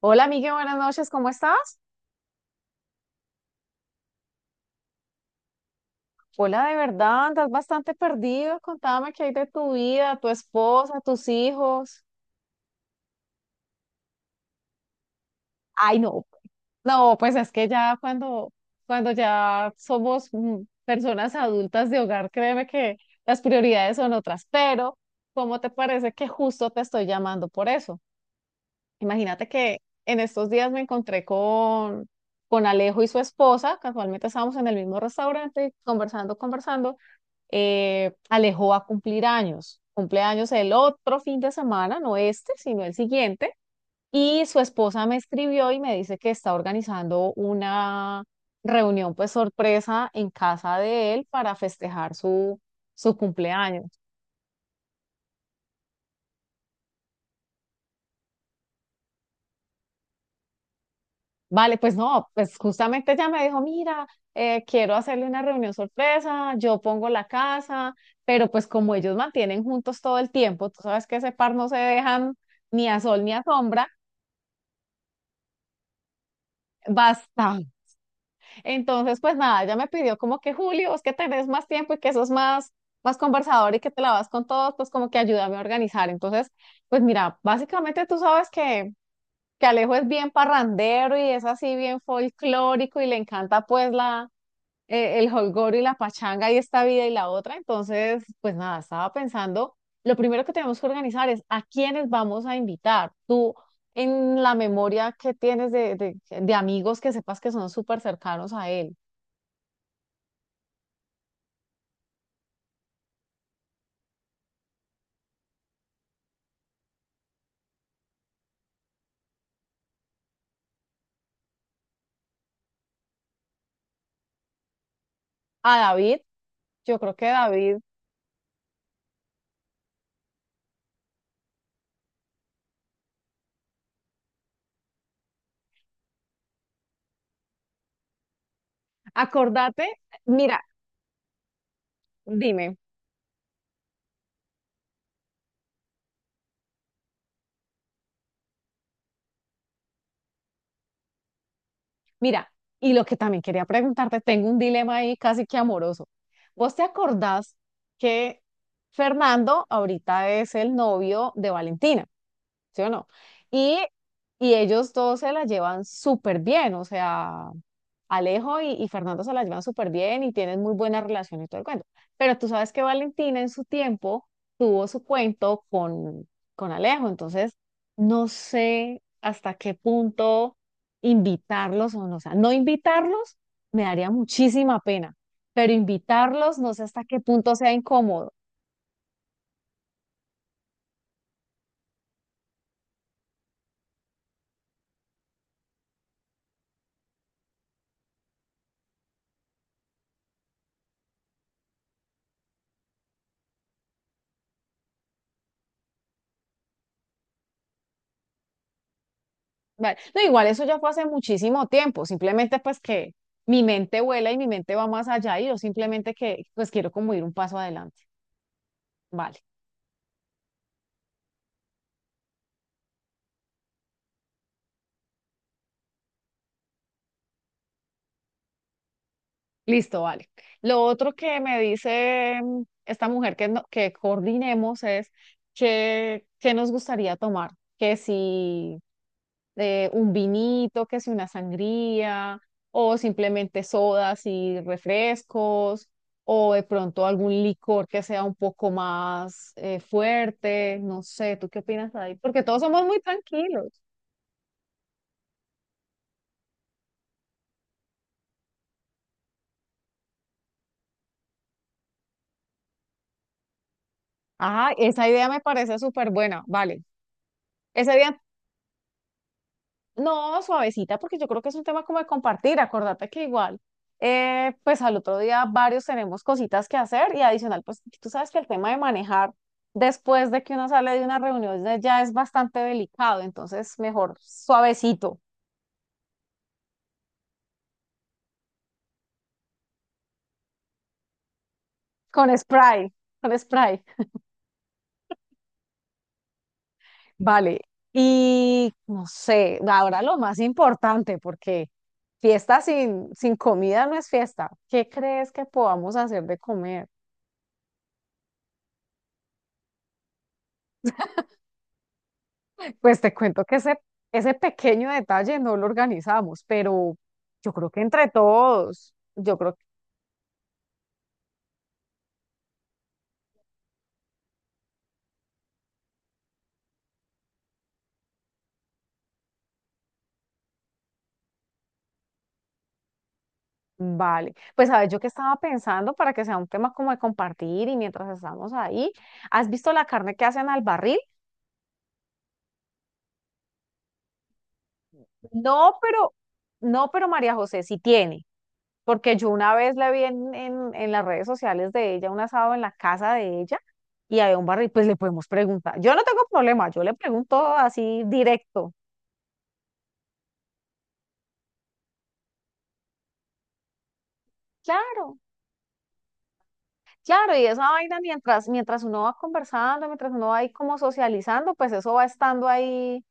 Hola, Miguel, buenas noches, ¿cómo estás? Hola, de verdad, andas bastante perdido. Contame qué hay de tu vida, tu esposa, tus hijos. Ay, no, no, pues es que ya cuando ya somos personas adultas de hogar, créeme que las prioridades son otras. Pero, ¿cómo te parece que justo te estoy llamando por eso? Imagínate que en estos días me encontré con Alejo y su esposa, casualmente estábamos en el mismo restaurante, conversando. Alejo va a cumplir años, cumpleaños el otro fin de semana, no este, sino el siguiente. Y su esposa me escribió y me dice que está organizando una reunión, pues sorpresa, en casa de él para festejar su cumpleaños. Vale, pues no, pues justamente ella me dijo, mira, quiero hacerle una reunión sorpresa, yo pongo la casa, pero pues como ellos mantienen juntos todo el tiempo, tú sabes que ese par no se dejan ni a sol ni a sombra, basta. Entonces, pues nada, ella me pidió como que Julio, es que tenés más tiempo y que sos más conversador y que te la vas con todos, pues como que ayúdame a organizar. Entonces, pues mira, básicamente tú sabes que Alejo es bien parrandero y es así bien folclórico y le encanta pues la el holgorio y la pachanga y esta vida y la otra. Entonces, pues nada, estaba pensando, lo primero que tenemos que organizar es a quiénes vamos a invitar. Tú, en la memoria que tienes de amigos que sepas que son súper cercanos a él. A David, yo creo que David, acordate, mira, dime, mira, y lo que también quería preguntarte, tengo un dilema ahí casi que amoroso. ¿Vos te acordás que Fernando ahorita es el novio de Valentina? ¿Sí o no? Y, y ellos dos se la llevan súper bien, o sea, Alejo y Fernando se la llevan súper bien y tienen muy buena relación y todo el cuento. Pero tú sabes que Valentina en su tiempo tuvo su cuento con Alejo, entonces no sé hasta qué punto invitarlos o no, o sea, no invitarlos me daría muchísima pena, pero invitarlos no sé hasta qué punto sea incómodo. Vale. No, igual eso ya fue hace muchísimo tiempo, simplemente pues que mi mente vuela y mi mente va más allá y yo simplemente que pues quiero como ir un paso adelante. Vale, listo, vale. Lo otro que me dice esta mujer que, no- que coordinemos es que, qué nos gustaría tomar, que si un vinito, que si una sangría, o simplemente sodas y refrescos, o de pronto algún licor que sea un poco más fuerte, no sé, ¿tú qué opinas ahí? Porque todos somos muy tranquilos. Ajá, esa idea me parece súper buena, vale. Ese día no, suavecita, porque yo creo que es un tema como de compartir. Acordate que igual, pues al otro día varios tenemos cositas que hacer y adicional, pues tú sabes que el tema de manejar después de que uno sale de una reunión ya es bastante delicado, entonces mejor suavecito, con spray, con spray. Vale, y no sé, ahora lo más importante, porque fiesta sin comida no es fiesta. ¿Qué crees que podamos hacer de comer? Pues te cuento que ese pequeño detalle no lo organizamos, pero yo creo que entre todos, yo creo que vale. Pues sabes, yo que estaba pensando para que sea un tema como de compartir y mientras estamos ahí, ¿has visto la carne que hacen al barril? No, pero, no, pero María José sí tiene, porque yo una vez la vi en las redes sociales de ella, un asado en la casa de ella. Y había un barril, pues le podemos preguntar. Yo no tengo problema, yo le pregunto así directo. Claro. Claro, y esa vaina mientras uno va conversando, mientras uno va ahí como socializando, pues eso va estando ahí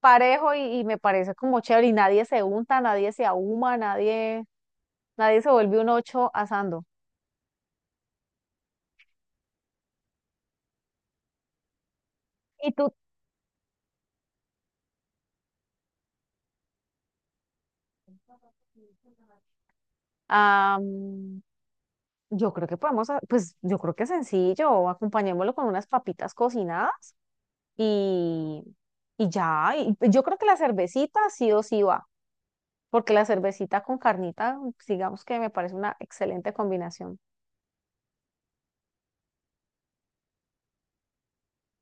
parejo y me parece como chévere y nadie se unta, nadie se ahuma, nadie, nadie se vuelve un ocho asando. Y tú, ah, mm, yo creo que podemos, ha- pues yo creo que es sencillo, acompañémoslo con unas papitas cocinadas y, y ya, y yo creo que la cervecita sí o sí va, porque la cervecita con carnita, digamos que me parece una excelente combinación.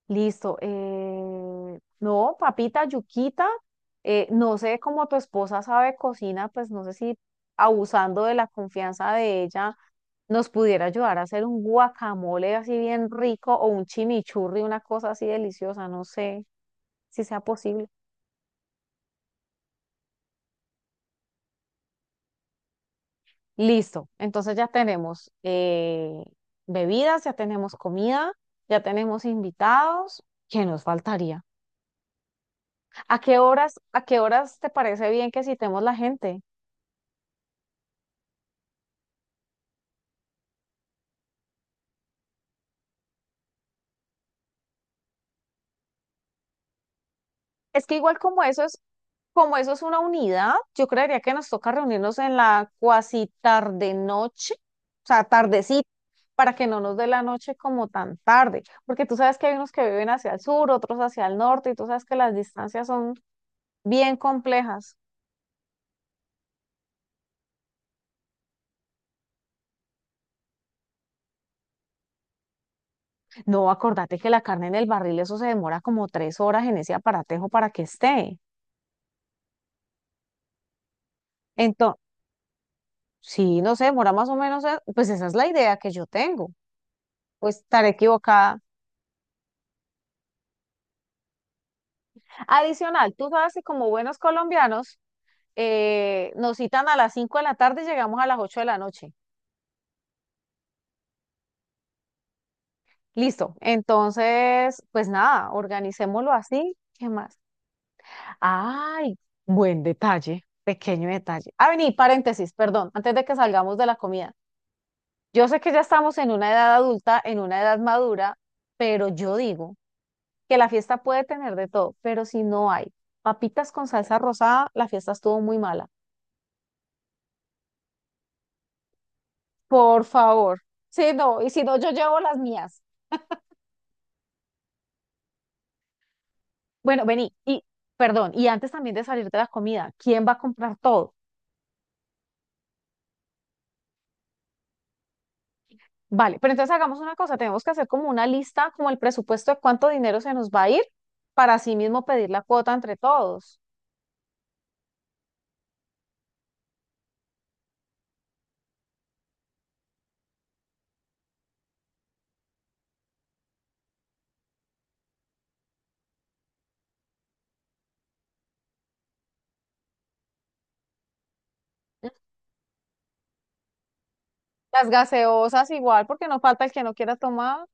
Listo. No, papita, yuquita. No sé cómo tu esposa sabe cocina, pues no sé si abusando de la confianza de ella nos pudiera ayudar a hacer un guacamole así bien rico o un chimichurri, una cosa así deliciosa. No sé si sea posible. Listo. Entonces ya tenemos bebidas, ya tenemos comida, ya tenemos invitados. ¿Qué nos faltaría? A qué horas te parece bien que citemos la gente? Es que igual como eso es una unidad, yo creería que nos toca reunirnos en la cuasi tarde noche, o sea, tardecita, para que no nos dé la noche como tan tarde, porque tú sabes que hay unos que viven hacia el sur, otros hacia el norte, y tú sabes que las distancias son bien complejas. No, acordate que la carne en el barril, eso se demora como 3 horas en ese aparatejo para que esté. Entonces, sí, no sé, demora más o menos, pues esa es la idea que yo tengo. Pues estaré equivocada. Adicional, tú sabes que como buenos colombianos, nos citan a las 5 de la tarde y llegamos a las 8 de la noche. Listo. Entonces, pues nada, organicémoslo así. ¿Qué más? Ay, buen detalle, pequeño detalle. Ah, vení, paréntesis, perdón, antes de que salgamos de la comida. Yo sé que ya estamos en una edad adulta, en una edad madura, pero yo digo que la fiesta puede tener de todo, pero si no hay papitas con salsa rosada, la fiesta estuvo muy mala. Por favor. Sí, no, y si no, yo llevo las mías. Bueno, vení, y perdón, y antes también de salir de la comida, ¿quién va a comprar todo? Vale, pero entonces hagamos una cosa, tenemos que hacer como una lista, como el presupuesto de cuánto dinero se nos va a ir para así mismo pedir la cuota entre todos. Ujú. Las gaseosas igual, porque no falta el que no quiera tomar.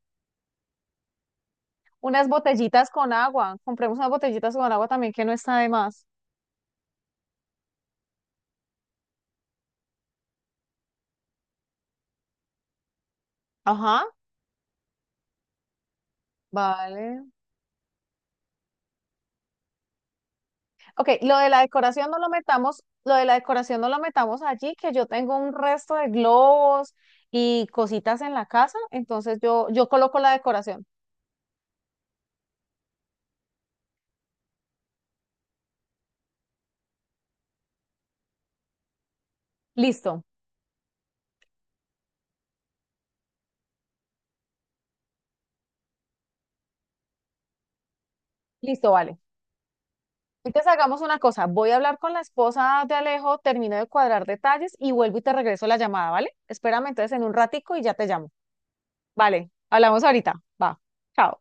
Unas botellitas con agua, compremos unas botellitas con agua también que no está de más. Ajá, vale, ok, lo de la decoración no lo metamos, lo de la decoración no lo metamos allí, que yo tengo un resto de globos y cositas en la casa, entonces yo coloco la decoración. Listo, listo, vale. Entonces hagamos una cosa, voy a hablar con la esposa de Alejo, termino de cuadrar detalles y vuelvo y te regreso la llamada, ¿vale? Espérame entonces en un ratico y ya te llamo. Vale, hablamos ahorita. Va, chao.